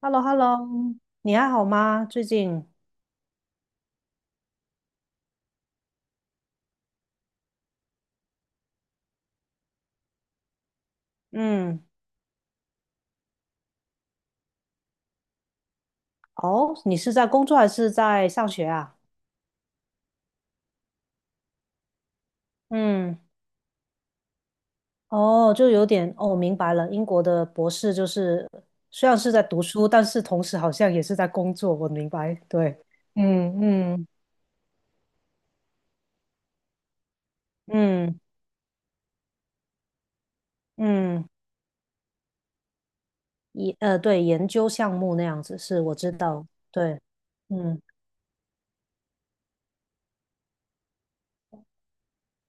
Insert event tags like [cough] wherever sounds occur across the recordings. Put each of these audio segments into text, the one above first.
h e l l o h e l l o 你还好吗？最近，嗯，哦，你是在工作还是在上学啊？嗯，哦，就有点，哦，明白了。英国的博士就是虽然是在读书，但是同时好像也是在工作。我明白，对，嗯嗯嗯嗯，对，研究项目那样子是，我知道，对，嗯。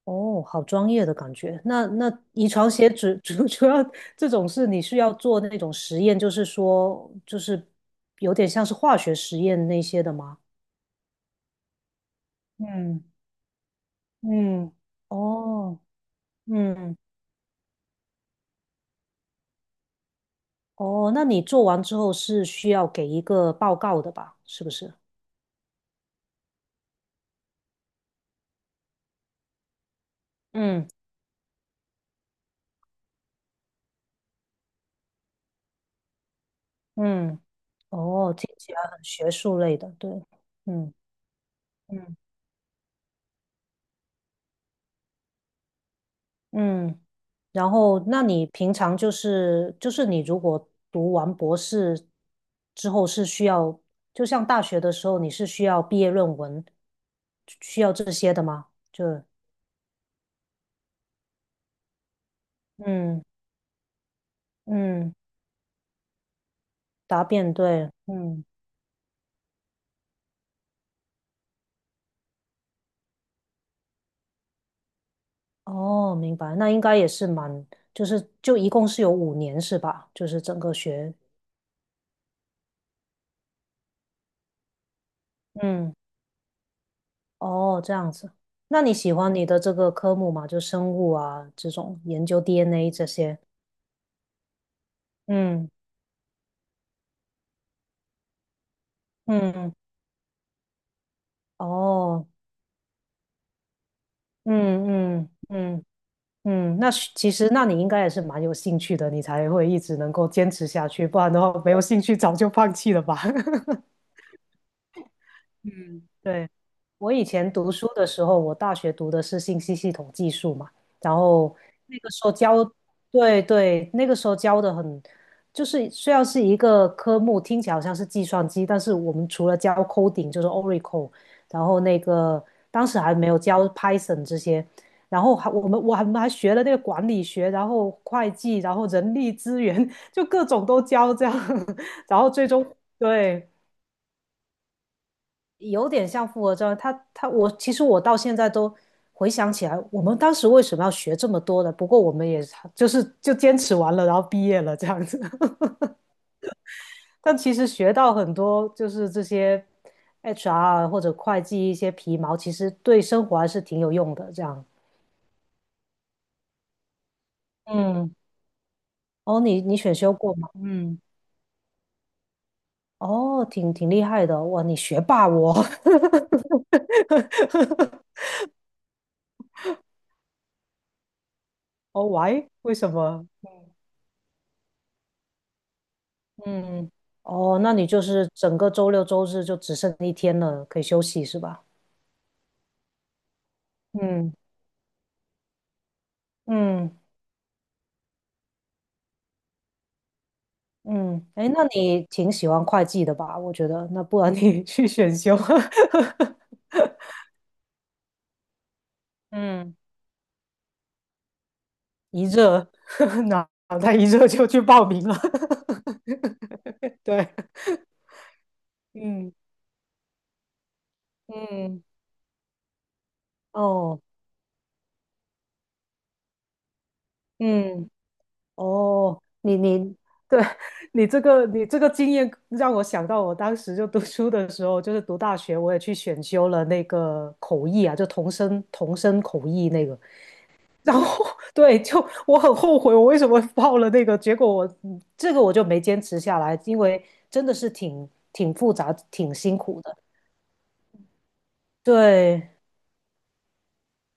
哦，好专业的感觉。那遗传学[laughs] 主要这种事，你是要做那种实验，就是说，就是有点像是化学实验那些的吗？嗯嗯，哦，嗯，哦，那你做完之后是需要给一个报告的吧？是不是？嗯嗯，哦，听起来很学术类的，对，嗯嗯。嗯，然后那你平常就是你如果读完博士之后是需要，就像大学的时候你是需要毕业论文，需要这些的吗？嗯嗯，答辩对，嗯哦，明白，那应该也是蛮，就一共是有五年是吧？就是整个嗯哦这样子，那你喜欢你的这个科目吗？就生物啊这种研究 DNA 这些，嗯。嗯哦，嗯嗯嗯嗯，那是其实那你应该也是蛮有兴趣的，你才会一直能够坚持下去，不然的话没有兴趣早就放弃了吧？嗯，对，我以前读书的时候，我大学读的是信息系统技术嘛，然后那个时候教，对对，那个时候教的很，就是虽然是一个科目，听起来好像是计算机，但是我们除了教 coding 就是 Oracle，然后那个当时还没有教 Python 这些，然后还我们我还我们还学了那个管理学，然后会计，然后人力资源，[laughs] 就各种都教这样，[laughs] 然后最终对。有点像复合教育他他我其实我到现在都回想起来，我们当时为什么要学这么多的？不过我们也就坚持完了，然后毕业了这样子。[laughs] 但其实学到很多，就是这些 HR 或者会计一些皮毛，其实对生活还是挺有用的。这样，嗯，哦，你选修过吗？嗯，哦，挺厉害的，哇，你学霸我。[laughs] 哦，why 为什么？嗯，哦，那你就是整个周六周日就只剩一天了，可以休息是吧？嗯嗯嗯，哎，那你挺喜欢会计的吧？我觉得，那不然你 [laughs] 去选修，[laughs] 嗯，一热，[laughs] 脑袋一热就去报名了，[laughs] 对，嗯嗯，哦，嗯。哦，你你对 [laughs] 你这个经验让我想到，我当时就读书的时候，就是读大学，我也去选修了那个口译啊，就同声口译那个。然后 [laughs] 对，就我很后悔，我为什么报了那个，结果我我就没坚持下来，因为真的是挺复杂、挺辛苦的。对，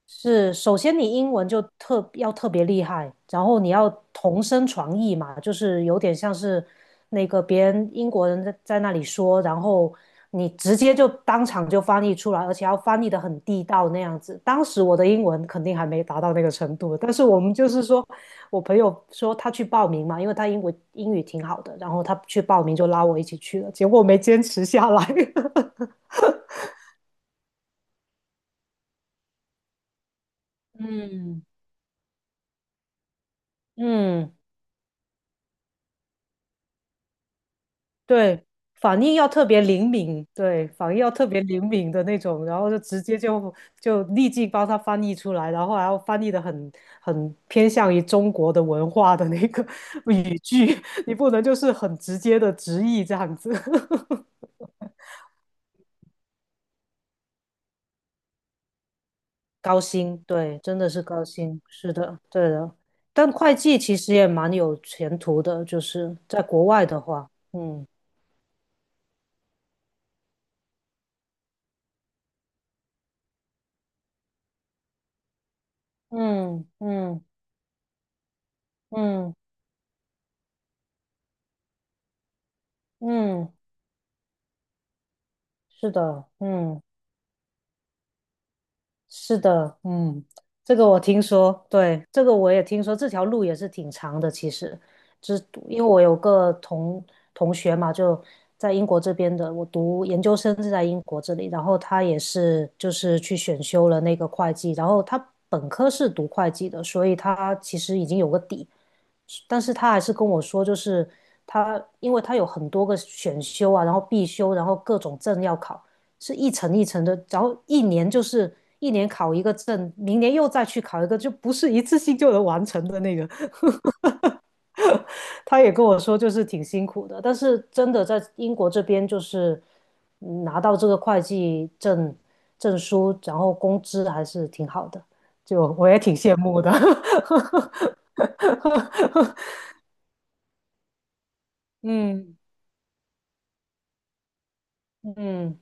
是，首先你英文就特别厉害，然后你要同声传译嘛，就是有点像是那个别人英国人在那里说，然后你直接就当场就翻译出来，而且要翻译的很地道那样子。当时我的英文肯定还没达到那个程度，但是我们就是说，我朋友说他去报名嘛，因为他英文英语挺好的，然后他去报名就拉我一起去了，结果没坚持下来。[laughs] 嗯，嗯，对，反应要特别灵敏，对，反应要特别灵敏的那种，然后就直接就就立即帮他翻译出来，然后还要翻译的很偏向于中国的文化的那个 [laughs] 语句，[laughs] 你不能就是很直接的直译这样子。[laughs] 高薪，对，真的是高薪，是的，对的。但会计其实也蛮有前途的，就是在国外的话，嗯嗯嗯嗯嗯，是的，嗯。是的，嗯，这个我听说，对，这个我也听说，这条路也是挺长的。其实，就是因为我有个同学嘛，就在英国这边的，我读研究生是在英国这里，然后他也是就是去选修了那个会计，然后他本科是读会计的，所以他其实已经有个底，但是他还是跟我说，就是他因为他有很多个选修啊，然后必修，然后各种证要考。是一层一层的，然后一年就是一年考一个证，明年又再去考一个，就不是一次性就能完成的那个。[laughs] 他也跟我说，就是挺辛苦的，但是真的在英国这边，就是拿到这个会计证证书，然后工资还是挺好的，就我也挺羡慕的。[laughs] 嗯嗯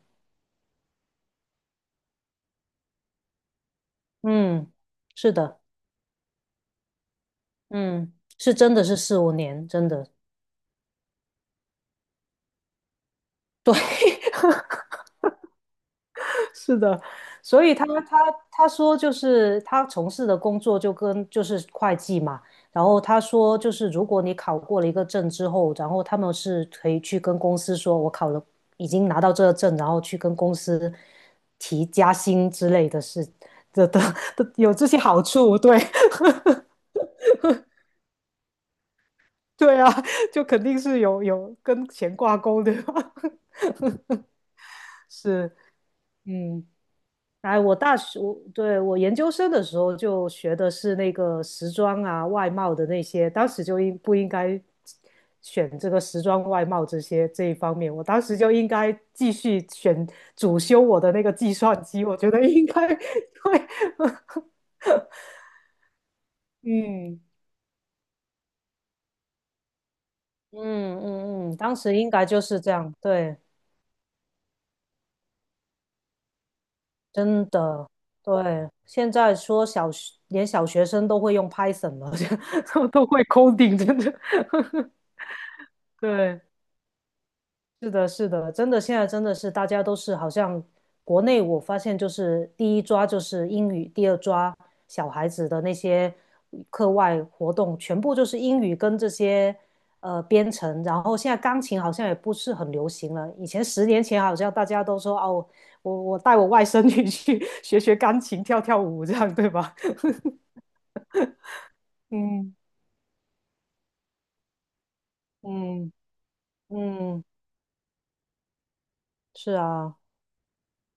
嗯，是的，嗯，是真的是4、5年，真的。对。[laughs] 是的，所以他说就是他从事的工作就跟就是会计嘛，然后他说就是如果你考过了一个证之后，然后他们是可以去跟公司说，我考了已经拿到这个证，然后去跟公司提加薪之类的事的的的有这些好处，对 [laughs] 对啊，就肯定是有跟钱挂钩的，[laughs] 是。嗯。哎，我大学，我研究生的时候就学的是那个时装啊、外贸的那些，当时就应不应该选这个时装、外贸这些这一方面？我当时就应该继续选主修我的那个计算机，我觉得应该 [laughs] 对，[laughs] 嗯嗯嗯嗯，当时应该就是这样，对，真的，对，现在说小学连小学生都会用 Python 了，[laughs] 都会 coding，真的。对，是的，是的，真的，现在真的是大家都是好像国内，我发现就是第一抓就是英语，第二抓小孩子的那些课外活动，全部就是英语跟这些编程，然后现在钢琴好像也不是很流行了。以前10年前好像大家都说哦，我带我外甥女去 [laughs] 学学钢琴，跳跳舞这样，对吧？[laughs] 嗯嗯。嗯，是啊。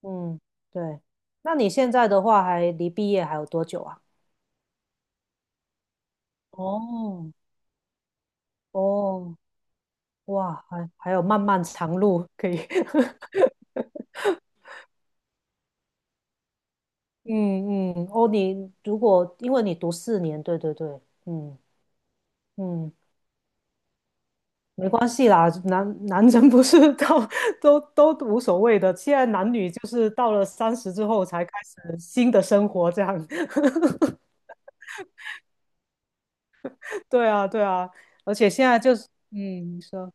嗯，对。那你现在的话，还离毕业还有多久啊？哦，哦，哇，还有漫漫长路可以。[laughs] 嗯嗯，哦，你如果因为你读4年，对对对，嗯嗯，没关系啦，男人不是到 [laughs] 都无所谓的，现在男女就是到了30之后才开始新的生活，这样，[laughs] 对啊对啊，而且现在就是，嗯，你说，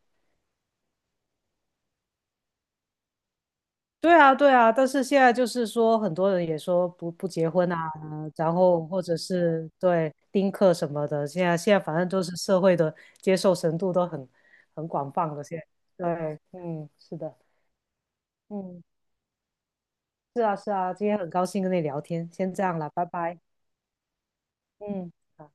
对啊，对啊，但是现在就是说，很多人也说不结婚啊，然后或者是对丁克什么的，现在反正都是社会的接受程度都很广泛了。现在对，嗯，是的，嗯，是啊，是啊，今天很高兴跟你聊天，先这样了，拜拜，嗯。好。